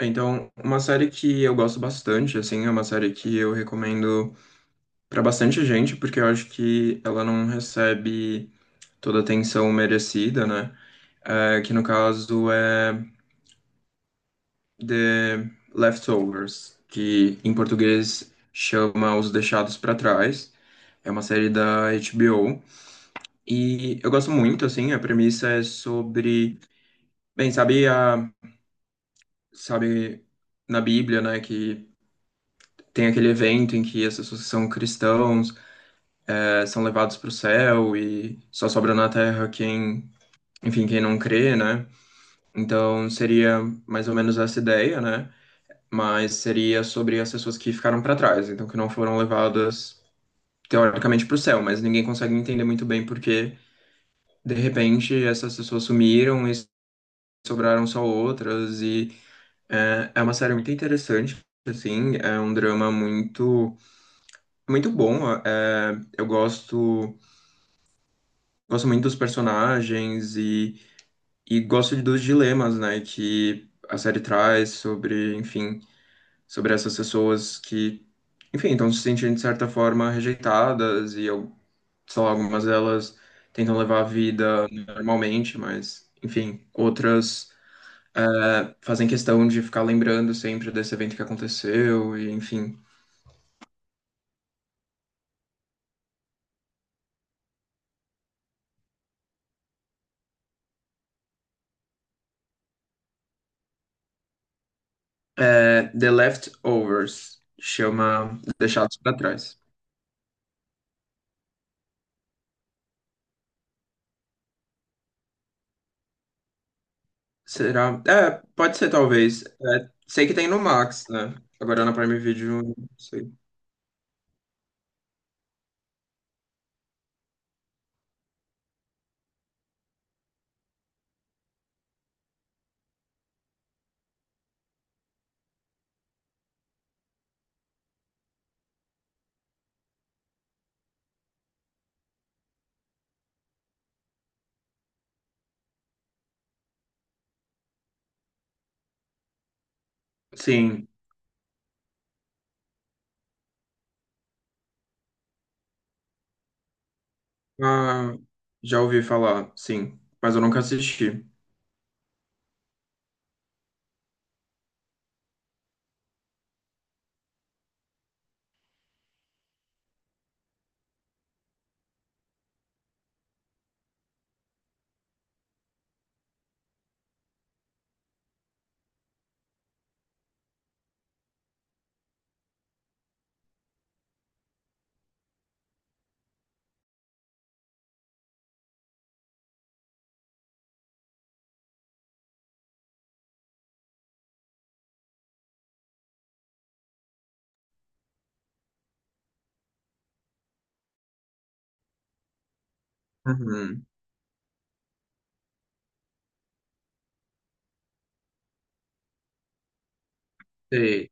Então, uma série que eu gosto bastante, assim, é uma série que eu recomendo pra bastante gente, porque eu acho que ela não recebe toda a atenção merecida, né? É, que no caso é The Leftovers, que em português chama Os Deixados pra Trás. É uma série da HBO e eu gosto muito, assim, a premissa é sobre, bem, sabe na Bíblia, né, que tem aquele evento em que as pessoas que são cristãos são levados para o céu e só sobra na terra quem, enfim, quem não crê, né? Então seria mais ou menos essa ideia, né? Mas seria sobre as pessoas que ficaram para trás, então que não foram levadas teoricamente para o céu, mas ninguém consegue entender muito bem porque de repente essas pessoas sumiram e sobraram só outras e é uma série muito interessante, assim, é um drama muito bom. eh, eu gosto muito dos personagens e gosto dos dilemas, né, que a série traz sobre, enfim, sobre essas pessoas que, enfim, estão se sentindo de certa forma rejeitadas e, eu, sei lá, algumas delas tentam levar a vida normalmente, mas, enfim, outras fazem questão de ficar lembrando sempre desse evento que aconteceu e, enfim. Eh, The Leftovers chama Deixados para Trás. Será? É, pode ser, talvez. É, sei que tem no Max, né? Agora na Prime Video, não sei. Sim. Ah, já ouvi falar, sim. Mas eu nunca assisti. Uhum. Sei.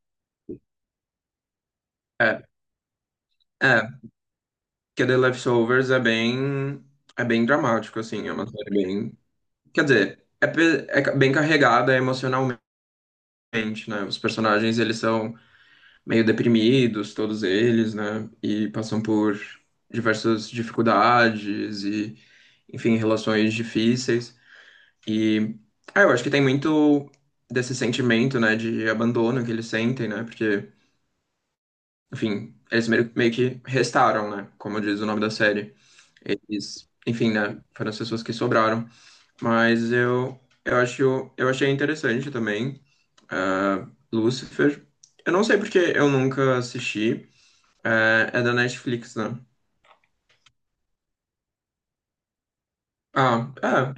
É, é. Que The Leftovers é bem... É bem dramático, assim. É uma série bem... Quer dizer, é, bem carregada emocionalmente, né? Os personagens, eles são... meio deprimidos, todos eles, né? E passam por diversas dificuldades e, enfim, relações difíceis. E ah, eu acho que tem muito desse sentimento, né, de abandono que eles sentem, né? Porque, enfim, eles meio que restaram, né? Como diz o nome da série. Eles, enfim, né? Foram as pessoas que sobraram. Mas eu acho, eu achei interessante também. Ah, Lucifer. Eu não sei porque eu nunca assisti, é, é da Netflix, né? Ah, é.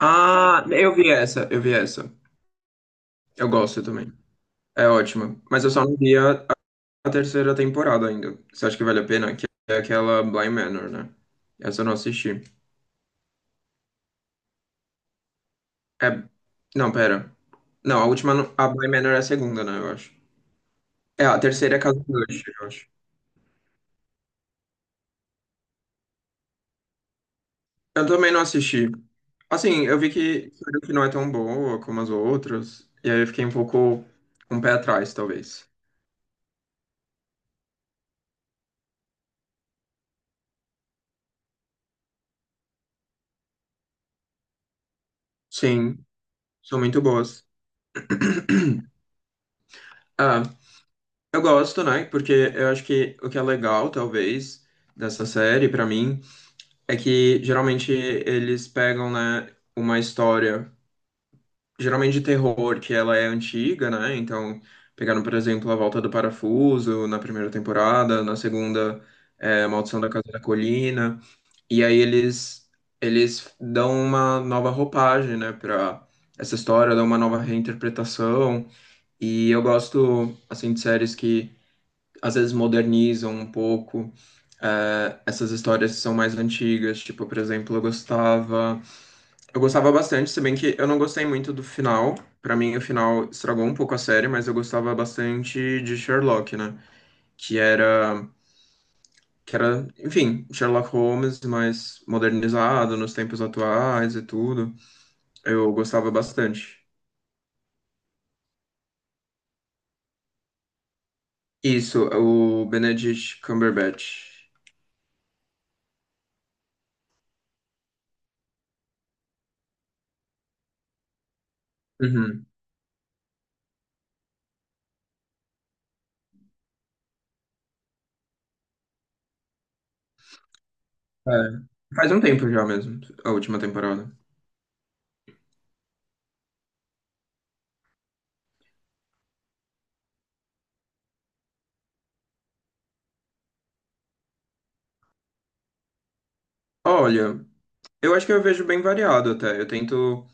Ah, eu vi essa. Eu gosto também. É ótima. Mas eu só não vi a terceira temporada ainda. Você acha que vale a pena? Que é aquela Blind Manor, né? Essa eu não assisti. É. Não, pera. Não, a última. A Blind Manor é a segunda, né? Eu acho. É, a terceira é Casa Blanche, eu acho. Eu também não assisti. Assim, eu vi que não é tão boa como as outras, e aí eu fiquei um pouco com o pé atrás, talvez. Sim, são muito boas. Ah, eu gosto, né? Porque eu acho que o que é legal, talvez, dessa série, pra mim, é que geralmente eles pegam, né, uma história, geralmente de terror, que ela é antiga, né? Então, pegaram, por exemplo, A Volta do Parafuso na primeira temporada, na segunda, é, Maldição da Casa da Colina. E aí eles dão uma nova roupagem, né, para essa história, dão uma nova reinterpretação. E eu gosto assim de séries que às vezes modernizam um pouco. Essas histórias que são mais antigas, tipo, por exemplo, eu gostava bastante, se bem que eu não gostei muito do final. Pra mim, o final estragou um pouco a série, mas eu gostava bastante de Sherlock, né? Que era que era, enfim, Sherlock Holmes, mas modernizado nos tempos atuais e tudo. Eu gostava bastante. Isso, o Benedict Cumberbatch. Uhum. É. Faz um tempo já mesmo, a última temporada. Olha, eu acho que eu vejo bem variado até. Eu tento.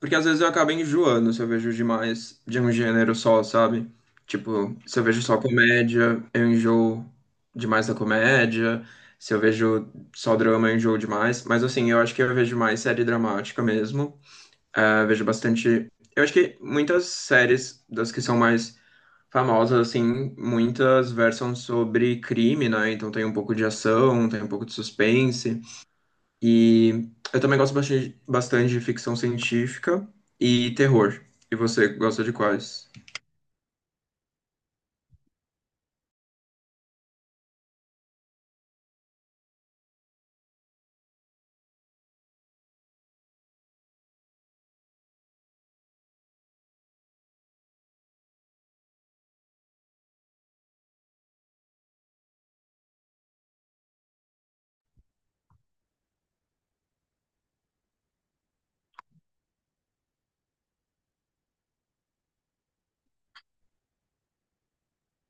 Porque às vezes eu acabo enjoando se eu vejo demais de um gênero só, sabe? Tipo, se eu vejo só comédia, eu enjoo demais da comédia. Se eu vejo só drama, eu enjoo demais. Mas assim, eu acho que eu vejo mais série dramática mesmo. Eh, vejo bastante. Eu acho que muitas séries das que são mais famosas, assim, muitas versam sobre crime, né? Então tem um pouco de ação, tem um pouco de suspense. E eu também gosto bastante, bastante de ficção científica e terror. E você gosta de quais?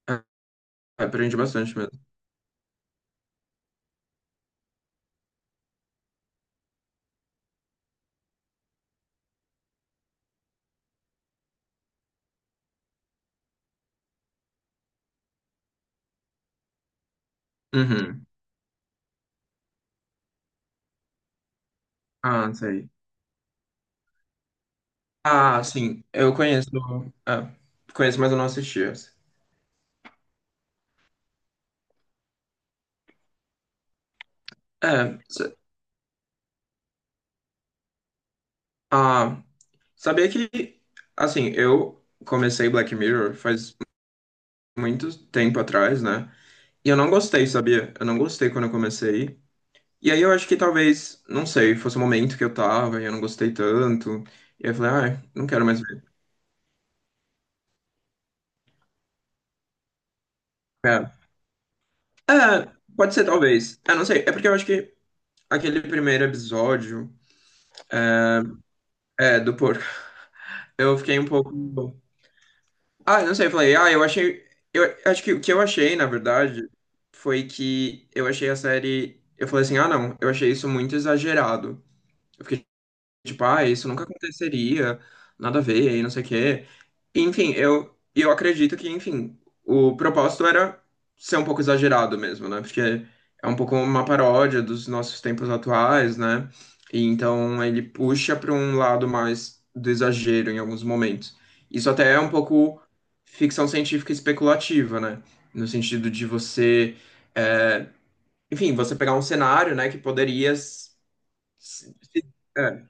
Ah, aprende bastante mesmo. Uhum. Ah, sei. Ah, sim. Eu conheço. Ah, conheço, mas eu não assisti essa. É. Ah, sabia que, assim, eu comecei Black Mirror faz muito tempo atrás, né? E eu não gostei, sabia? Eu não gostei quando eu comecei. E aí eu acho que talvez, não sei, fosse o momento que eu tava e eu não gostei tanto. E aí eu falei, ah, não quero mais ver. É. É, pode ser talvez. Ah, não sei. É porque eu acho que aquele primeiro episódio, é, do porco, eu fiquei um pouco. Ah, não sei, eu falei, ah, eu achei. Eu acho que o que eu achei, na verdade, foi que eu achei a série. Eu falei assim, ah, não, eu achei isso muito exagerado. Eu fiquei tipo, ah, isso nunca aconteceria, nada a ver, e não sei o quê. Enfim, eu acredito que, enfim, o propósito era ser um pouco exagerado mesmo, né? Porque é um pouco uma paródia dos nossos tempos atuais, né? E então ele puxa para um lado mais do exagero em alguns momentos. Isso até é um pouco ficção científica especulativa, né? No sentido de você, é, enfim, você pegar um cenário, né, que poderia se- é,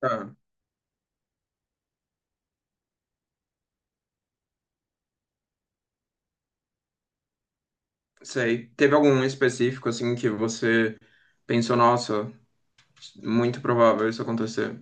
tá. Sei. Teve algum específico, assim, que você pensou, nossa, muito provável isso acontecer?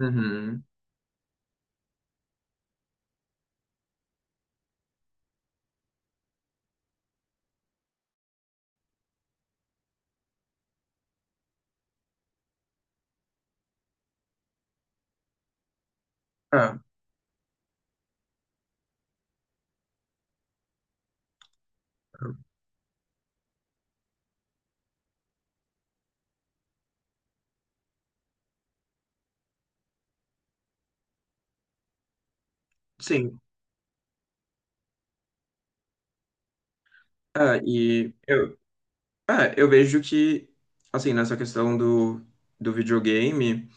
Uhum. Ah, sim. Ah, e eu, ah, eu vejo que, assim, nessa questão do, do videogame.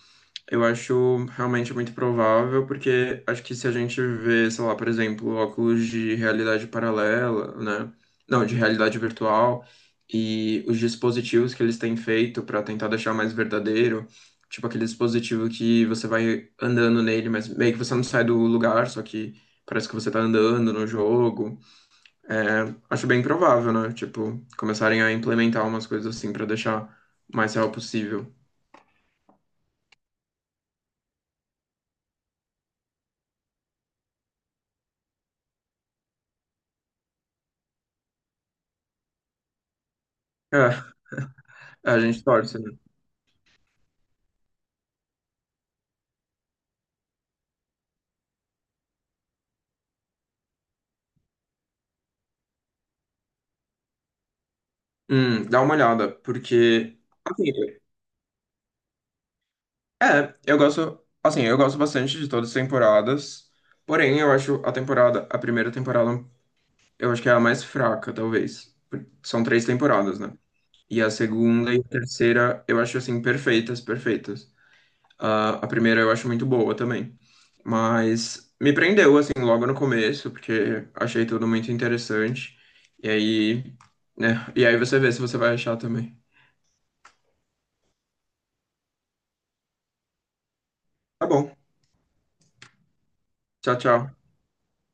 Eu acho realmente muito provável, porque acho que se a gente vê, sei lá, por exemplo, óculos de realidade paralela, né? Não, de realidade virtual, e os dispositivos que eles têm feito para tentar deixar mais verdadeiro, tipo aquele dispositivo que você vai andando nele, mas meio que você não sai do lugar, só que parece que você tá andando no jogo. É, acho bem provável, né? Tipo, começarem a implementar umas coisas assim para deixar o mais real possível. É, a gente torce, né? Dá uma olhada, porque assim, é, eu gosto, assim, eu gosto bastante de todas as temporadas. Porém, eu acho a temporada, a primeira temporada, eu acho que é a mais fraca, talvez. São três temporadas, né? E a segunda e a terceira, eu acho assim perfeitas, perfeitas. Ah, a primeira eu acho muito boa também. Mas me prendeu assim logo no começo, porque achei tudo muito interessante. E aí, né? E aí você vê se você vai achar também. Tá bom. Tchau, tchau.